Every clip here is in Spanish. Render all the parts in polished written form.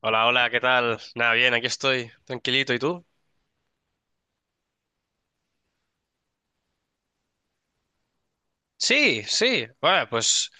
Hola, hola, ¿qué tal? Nada, bien, aquí estoy, tranquilito. ¿Y tú? Sí, sí. Bueno, pues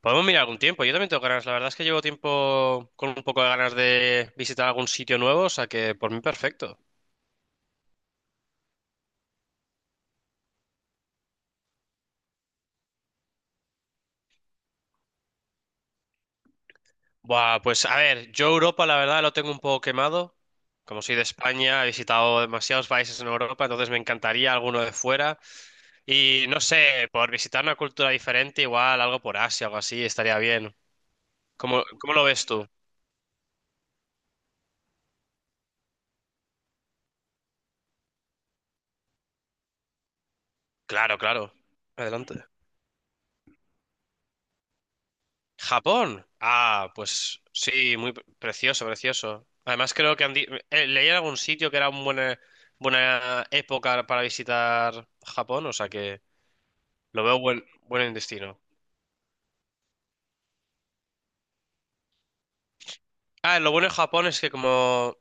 podemos mirar algún tiempo. Yo también tengo ganas. La verdad es que llevo tiempo con un poco de ganas de visitar algún sitio nuevo, o sea que por mí perfecto. Buah, pues a ver, yo Europa la verdad lo tengo un poco quemado. Como soy de España, he visitado demasiados países en Europa, entonces me encantaría alguno de fuera. Y no sé, por visitar una cultura diferente, igual algo por Asia, algo así, estaría bien. ¿Cómo lo ves tú? Claro, claro. Adelante. Japón. Ah, pues sí, muy precioso, precioso. Además creo que leí en algún sitio que era una buena, buena época para visitar Japón, o sea que lo veo buen, buen destino. Ah, lo bueno de Japón es que como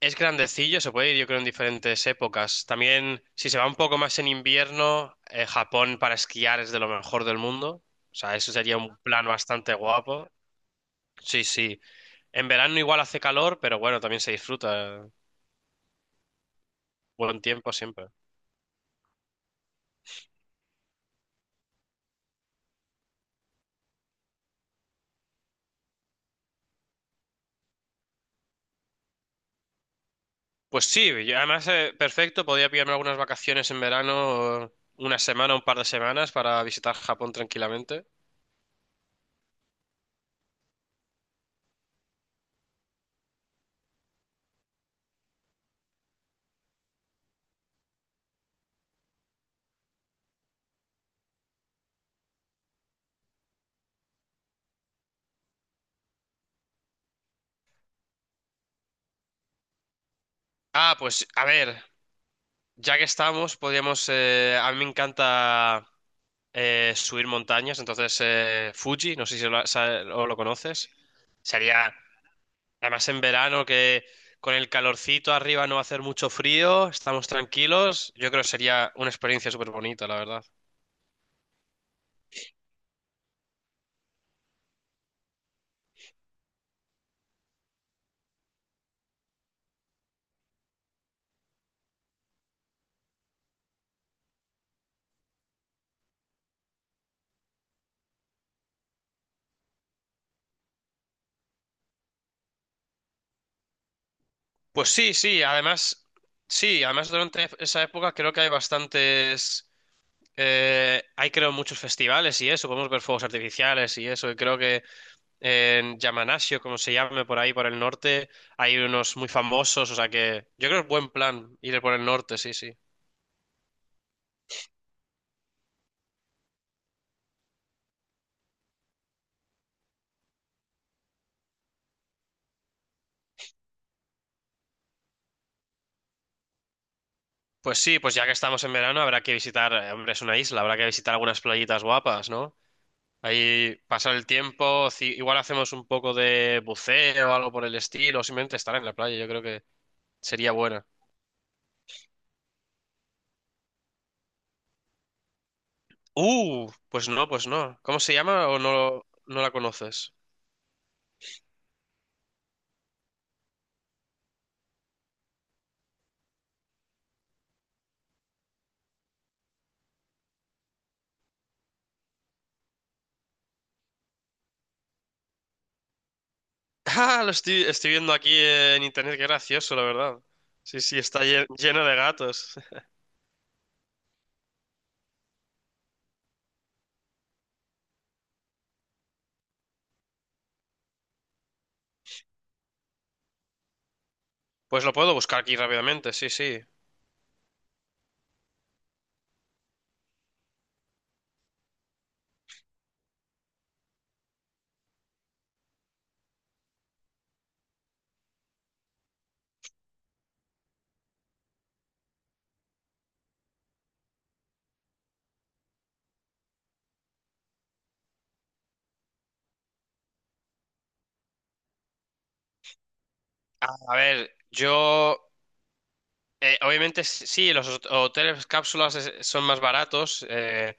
es grandecillo, se puede ir yo creo en diferentes épocas. También si se va un poco más en invierno, Japón para esquiar es de lo mejor del mundo. O sea, eso sería un plan bastante guapo. Sí, sí. En verano igual hace calor, pero bueno, también se disfruta. Buen tiempo siempre. Pues sí, y además perfecto, podría pillarme algunas vacaciones en verano, una semana, un par de semanas para visitar Japón tranquilamente. Ah, pues a ver, ya que estamos, podríamos, a mí me encanta subir montañas, entonces Fuji, no sé si lo, o lo conoces, sería, además en verano que con el calorcito arriba no va a hacer mucho frío, estamos tranquilos, yo creo que sería una experiencia súper bonita, la verdad. Pues sí, sí, además durante esa época creo que hay bastantes, hay creo muchos festivales y eso, podemos ver fuegos artificiales y eso, y creo que en Yamanasio, como se llame por ahí, por el norte, hay unos muy famosos, o sea que yo creo que es buen plan ir por el norte, sí, sí. Pues sí, pues ya que estamos en verano habrá que visitar, hombre, es una isla, habrá que visitar algunas playitas guapas, ¿no? Ahí pasar el tiempo, igual hacemos un poco de buceo o algo por el estilo, o simplemente estar en la playa, yo creo que... Sería buena. Pues no, pues no. ¿Cómo se llama o no, no la conoces? Ah, estoy viendo aquí en internet, qué gracioso, la verdad. Sí, sí, está lleno de gatos. Pues lo puedo buscar aquí rápidamente, sí, sí. A ver, yo... obviamente sí, los hoteles cápsulas son más baratos, eh.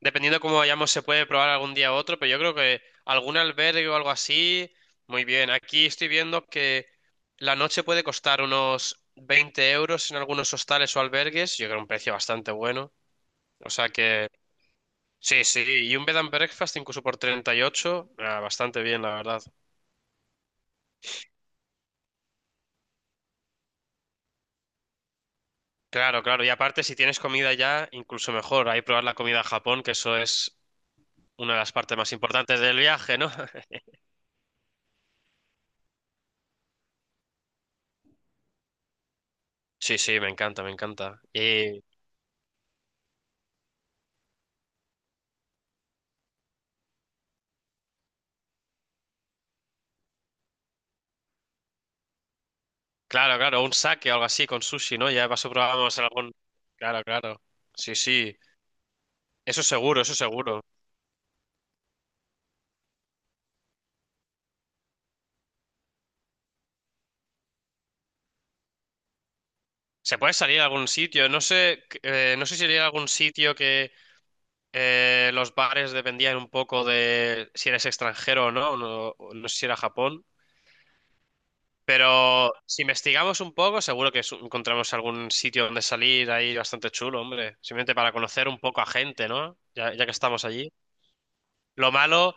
Dependiendo de cómo vayamos, se puede probar algún día u otro, pero yo creo que algún albergue o algo así, muy bien. Aquí estoy viendo que la noche puede costar unos 20 euros en algunos hostales o albergues. Yo creo un precio bastante bueno. O sea que, sí, sí. Y un bed and breakfast incluso por 38, ah, bastante bien, la verdad. Claro, claro. Y aparte, si tienes comida ya, incluso mejor. Ahí probar la comida a Japón, que eso es una de las partes más importantes del viaje, ¿no? Sí, sí, me encanta, me encanta. Claro, claro, un saque o algo así con sushi, ¿no? Ya pasó probamos en algún. Claro, claro. Sí, sí. Eso seguro, eso seguro. Se puede salir a algún sitio. No sé, no sé si sería algún sitio que los bares dependían un poco de si eres extranjero o no. No, no sé si era Japón. Pero si investigamos un poco, seguro que encontramos algún sitio donde salir ahí bastante chulo, hombre. Simplemente para conocer un poco a gente, ¿no? Ya, ya que estamos allí. Lo malo.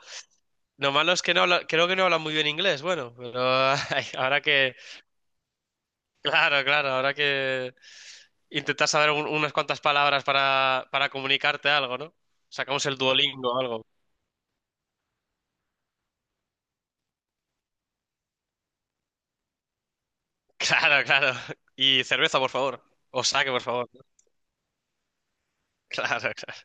Lo malo es que creo que no habla muy bien inglés, bueno, pero ay, ahora que, claro, claro, ahora que intentas saber unas cuantas palabras para comunicarte algo, ¿no? Sacamos el Duolingo o algo. Claro, claro. Y cerveza, por favor. O saque, por favor. Claro, claro.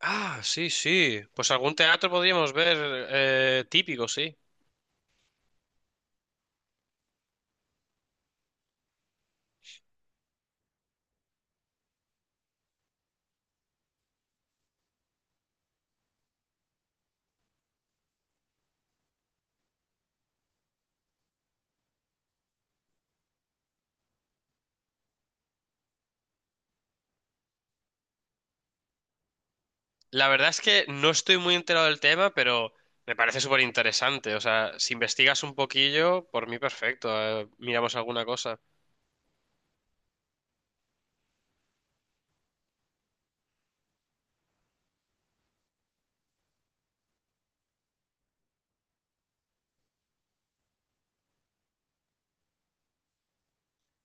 Ah, sí, sí. Pues algún teatro podríamos ver típico, sí. La verdad es que no estoy muy enterado del tema, pero me parece súper interesante. O sea, si investigas un poquillo, por mí perfecto. Miramos alguna cosa.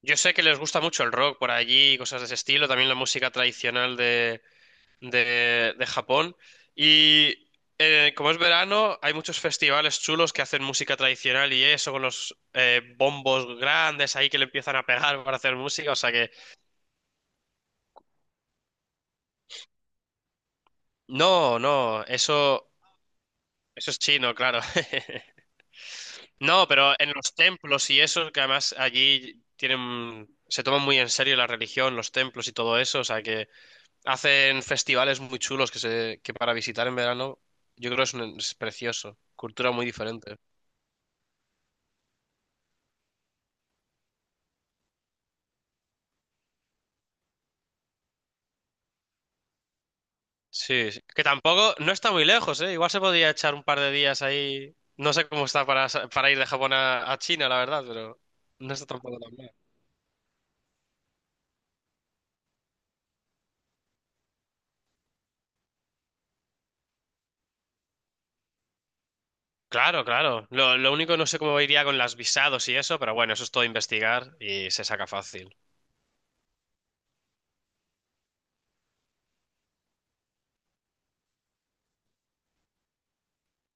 Yo sé que les gusta mucho el rock por allí, y cosas de ese estilo, también la música tradicional de Japón. Y como es verano, hay muchos festivales chulos que hacen música tradicional y eso, con los bombos grandes ahí que le empiezan a pegar para hacer música. O sea que, no, no, eso es chino, claro. No, pero en los templos y eso, que además allí tienen, se toman muy en serio la religión, los templos y todo eso, o sea que... Hacen festivales muy chulos que, se, que para visitar en verano yo creo que es, es precioso. Cultura muy diferente. Sí, sí. Que tampoco, no está muy lejos, ¿eh? Igual se podría echar un par de días ahí. No sé cómo está para, para ir de Japón a China, la verdad, pero no está tampoco tan mal. Claro, claro. Lo único no sé cómo iría con las visados y eso, pero bueno, eso es todo investigar y se saca fácil.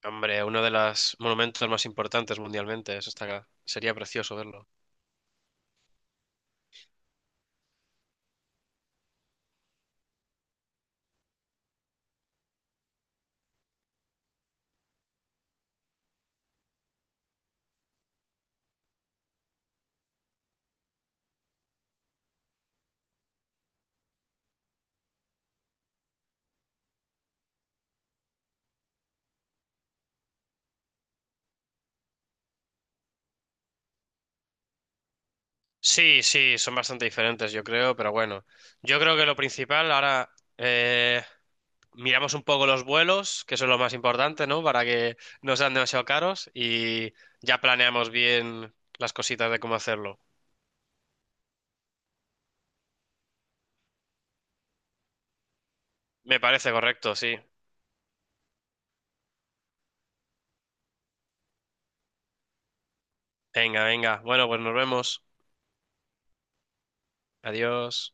Hombre, uno de los monumentos más importantes mundialmente, eso está claro. Sería precioso verlo. Sí, sí, son bastante diferentes, yo creo, pero bueno, yo creo que lo principal ahora eh, miramos un poco los vuelos, que eso es lo más importante, ¿no? Para que no sean demasiado caros y ya planeamos bien las cositas de cómo hacerlo. Me parece correcto, sí. Venga, venga. Bueno, pues nos vemos. Adiós.